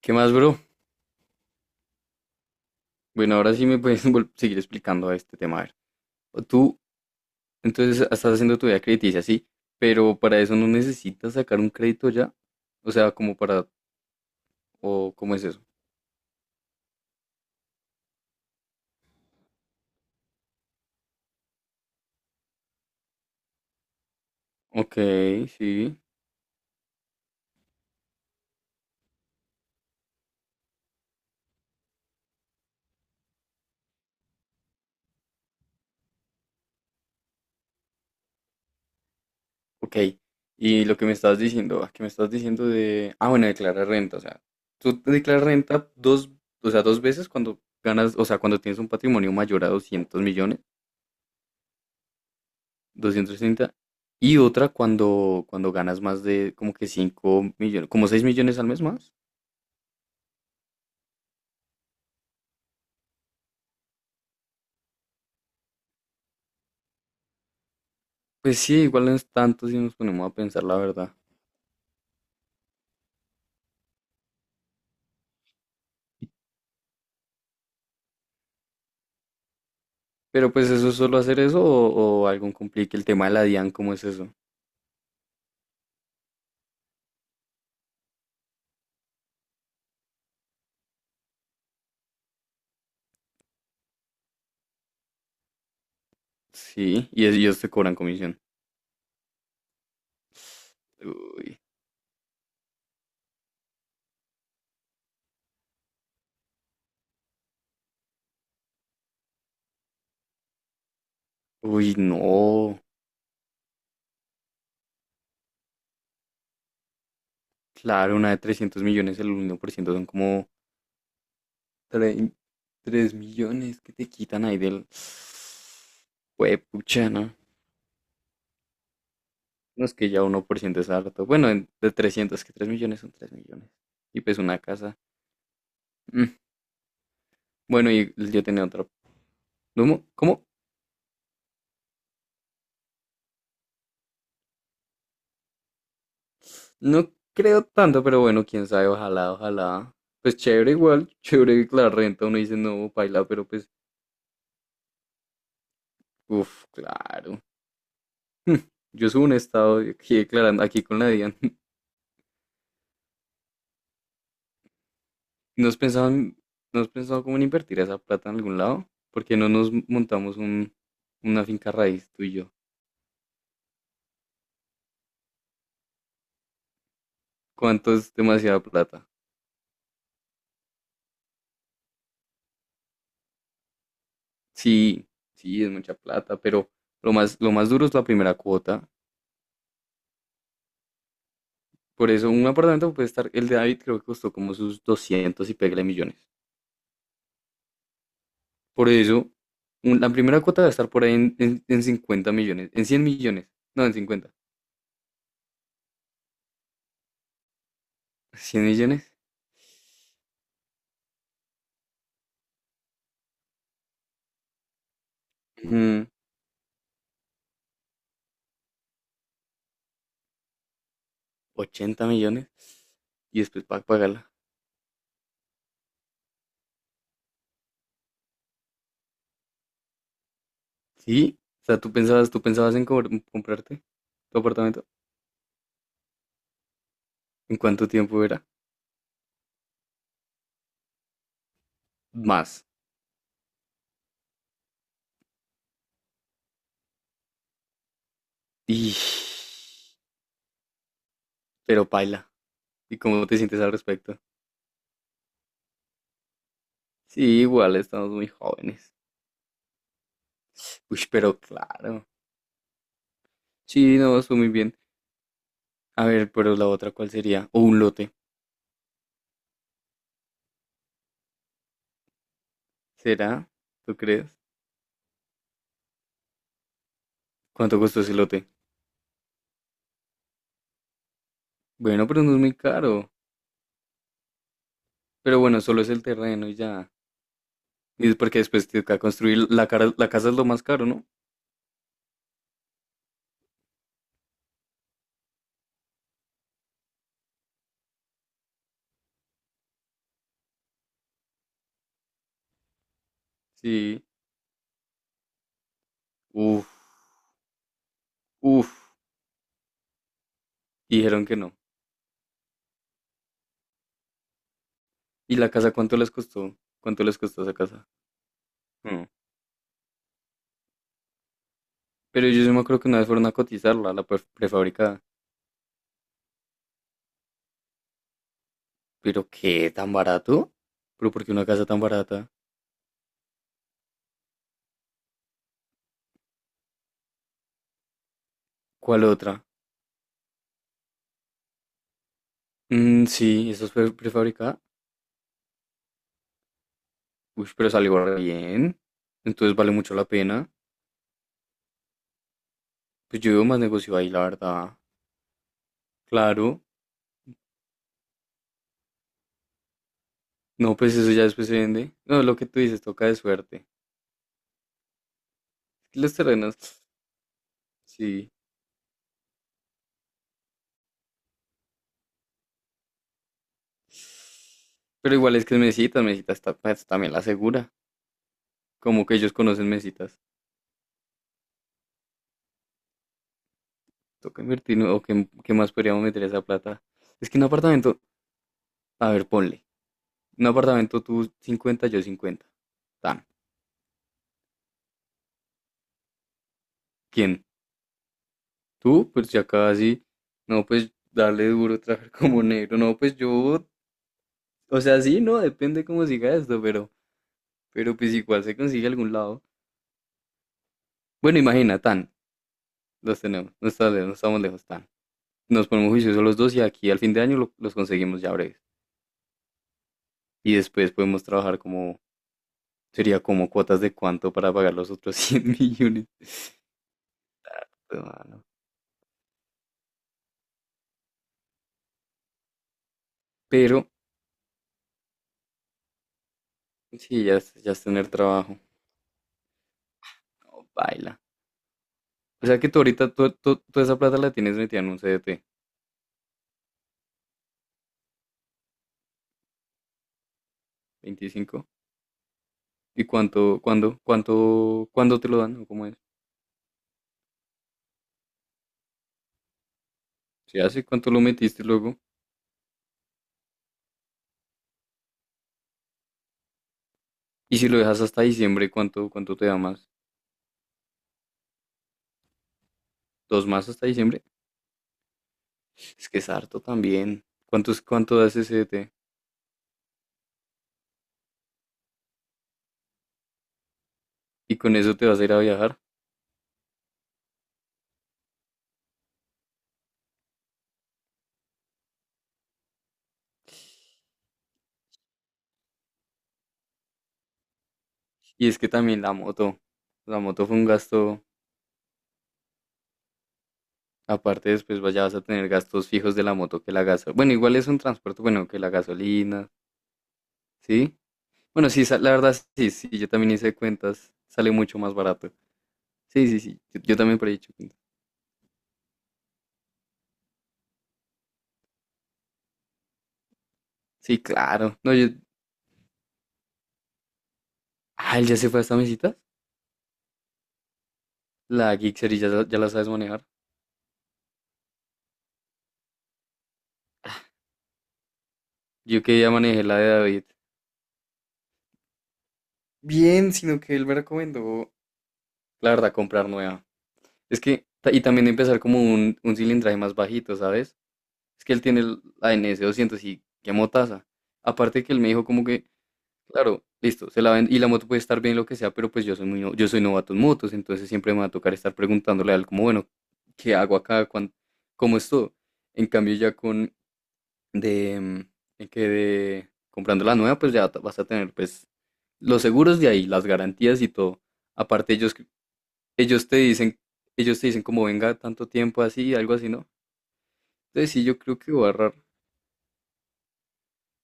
¿Qué más, bro? Bueno, ahora sí me puedes seguir explicando a este tema. A ver, o tú entonces estás haciendo tu vida crediticia, sí, pero para eso no necesitas sacar un crédito ya. O sea, como para, o ¿cómo es eso? Ok, sí, ok. Y lo que me estás diciendo, que me estás diciendo de, bueno, declarar renta, o sea, tú te declaras renta dos, o sea, dos veces cuando ganas, o sea, cuando tienes un patrimonio mayor a 200 millones, 230. Y otra cuando ganas más de como que 5 millones, como 6 millones al mes más. Pues sí, igual no es tanto si nos ponemos a pensar, la verdad. Pero pues eso es solo hacer eso, o algo complique. El tema de la DIAN, ¿cómo es eso? Sí, y ellos te cobran comisión. Uy, uy, no. Claro, una de 300 millones, el 1% son como 3 millones que te quitan ahí del. Pues, ¿no? No es que ya 1% es harto. Bueno, de 300, que 3 millones son 3 millones. Y pues una casa. Mm, bueno, y yo tenía otra. ¿Cómo? ¿Cómo? No creo tanto, pero bueno, quién sabe, ojalá, ojalá. Pues chévere igual, chévere que la renta. Uno dice, no, paila, pero pues, uff, claro. Mm. Yo subo un estado y aquí declarando, aquí con la DIAN. ¿No has pensado, no has pensado cómo en invertir esa plata en algún lado? ¿Por qué no nos montamos una finca raíz tú y yo? ¿Cuánto es demasiada plata? Sí, sí, es mucha plata, pero lo más duro es la primera cuota. Por eso un apartamento puede estar, el de David creo que costó como sus 200 y pégale millones. Por eso la primera cuota va a estar por ahí en 50 millones, en 100 millones, no, en 50, 100 millones, mm, 80 millones y después para pagarla. Sí, o sea, tú pensabas en comprarte tu apartamento. ¿En cuánto tiempo era? Más. Y... Pero paila. ¿Y cómo te sientes al respecto? Sí, igual estamos muy jóvenes. Uy, pero claro. Sí, no, estuvo muy bien. A ver, pero la otra, ¿cuál sería? O un lote. ¿Será? ¿Tú crees? ¿Cuánto costó ese lote? Bueno, pero no es muy caro. Pero bueno, solo es el terreno y ya. Y es porque después te toca construir la casa es lo más caro, ¿no? Sí. Uf, uf. Y dijeron que no. ¿Y la casa cuánto les costó? ¿Cuánto les costó esa casa? Hmm. Pero yo sí me acuerdo que una vez fueron a cotizarla, la prefabricada. ¿Pero qué? ¿Tan barato? ¿Pero por qué una casa tan barata? ¿Cuál otra? Mm, sí, esa es prefabricada. Uy, pero salió bien. Entonces vale mucho la pena. Pues yo veo más negocio ahí, la verdad. Claro. No, pues eso ya después se vende. No, lo que tú dices, toca de suerte. Los terrenos, sí. Pero igual es que es Mesitas, Mesitas pues, también la asegura. Como que ellos conocen Mesitas. Toca invertir, ¿no? ¿O qué, qué más podríamos meter esa plata? Es que un apartamento, a ver, ponle. Un apartamento tú 50, yo 50. Tan. ¿Quién? Tú, pues ya casi, no, pues darle duro, trabajar como negro, no, pues yo, o sea, sí, no, depende cómo siga esto, pero, pues igual se consigue algún lado. Bueno, imagina, tan, los tenemos, no, está lejos, no estamos lejos, tan. Nos ponemos juiciosos los dos y aquí al fin de año los conseguimos ya breves. Y después podemos trabajar como, sería como cuotas de cuánto para pagar los otros 100 millones. Ah, no. Pero, sí, ya es tener trabajo. No, baila. O sea que tú ahorita, toda esa plata la tienes metida en un CDT, 25. ¿Y cuánto, cuándo te lo dan o cómo es? ¿Se hace? ¿Cuánto lo metiste luego? Y si lo dejas hasta diciembre, ¿cuánto te da más? ¿Dos más hasta diciembre? Es que es harto también. ¿Cuánto das ese CDT? Y con eso te vas a ir a viajar. Y es que también la moto. La moto fue un gasto. Aparte, después vas a tener gastos fijos de la moto que la gasolina. Bueno, igual es un transporte, bueno, que la gasolina, ¿sí? Bueno, sí, la verdad, sí, sí, yo también hice cuentas, sale mucho más barato. Sí, sí, sí, yo también por ahí he hecho cuentas. Sí, claro. No. Ah, él ya se fue a esta mesita. La Gixxer y ya, ya la sabes manejar. Yo que ya manejé la de David. Bien, sino que él me recomendó, la verdad, comprar nueva. Es que, y también empezar como un, cilindraje más bajito, ¿sabes? Es que él tiene la NS 200 y qué motaza. Aparte que él me dijo como que, claro, listo, se la ven, y la moto puede estar bien lo que sea, pero pues yo soy muy, yo soy novato en motos, entonces siempre me va a tocar estar preguntándole a él como, bueno, ¿qué hago acá? ¿Cómo es todo? En cambio ya con, de que de comprando la nueva, pues ya vas a tener pues los seguros de ahí, las garantías y todo. Aparte ellos te dicen, ellos te dicen como venga tanto tiempo así, algo así, ¿no? Entonces sí,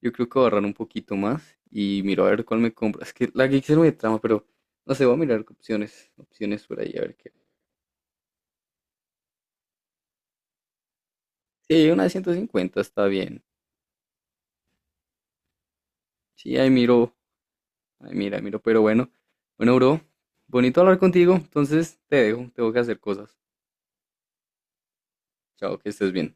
yo creo que voy a ahorrar un poquito más y miro a ver cuál me compro. Es que la Gixxer me trama, pero no sé, voy a mirar opciones, por ahí, a ver qué. Sí, una de 150 está bien. Sí, ahí miro, ahí mira, miro, pero bueno. Bueno, bro, bonito hablar contigo, entonces te dejo, tengo que hacer cosas. Chao, que estés bien.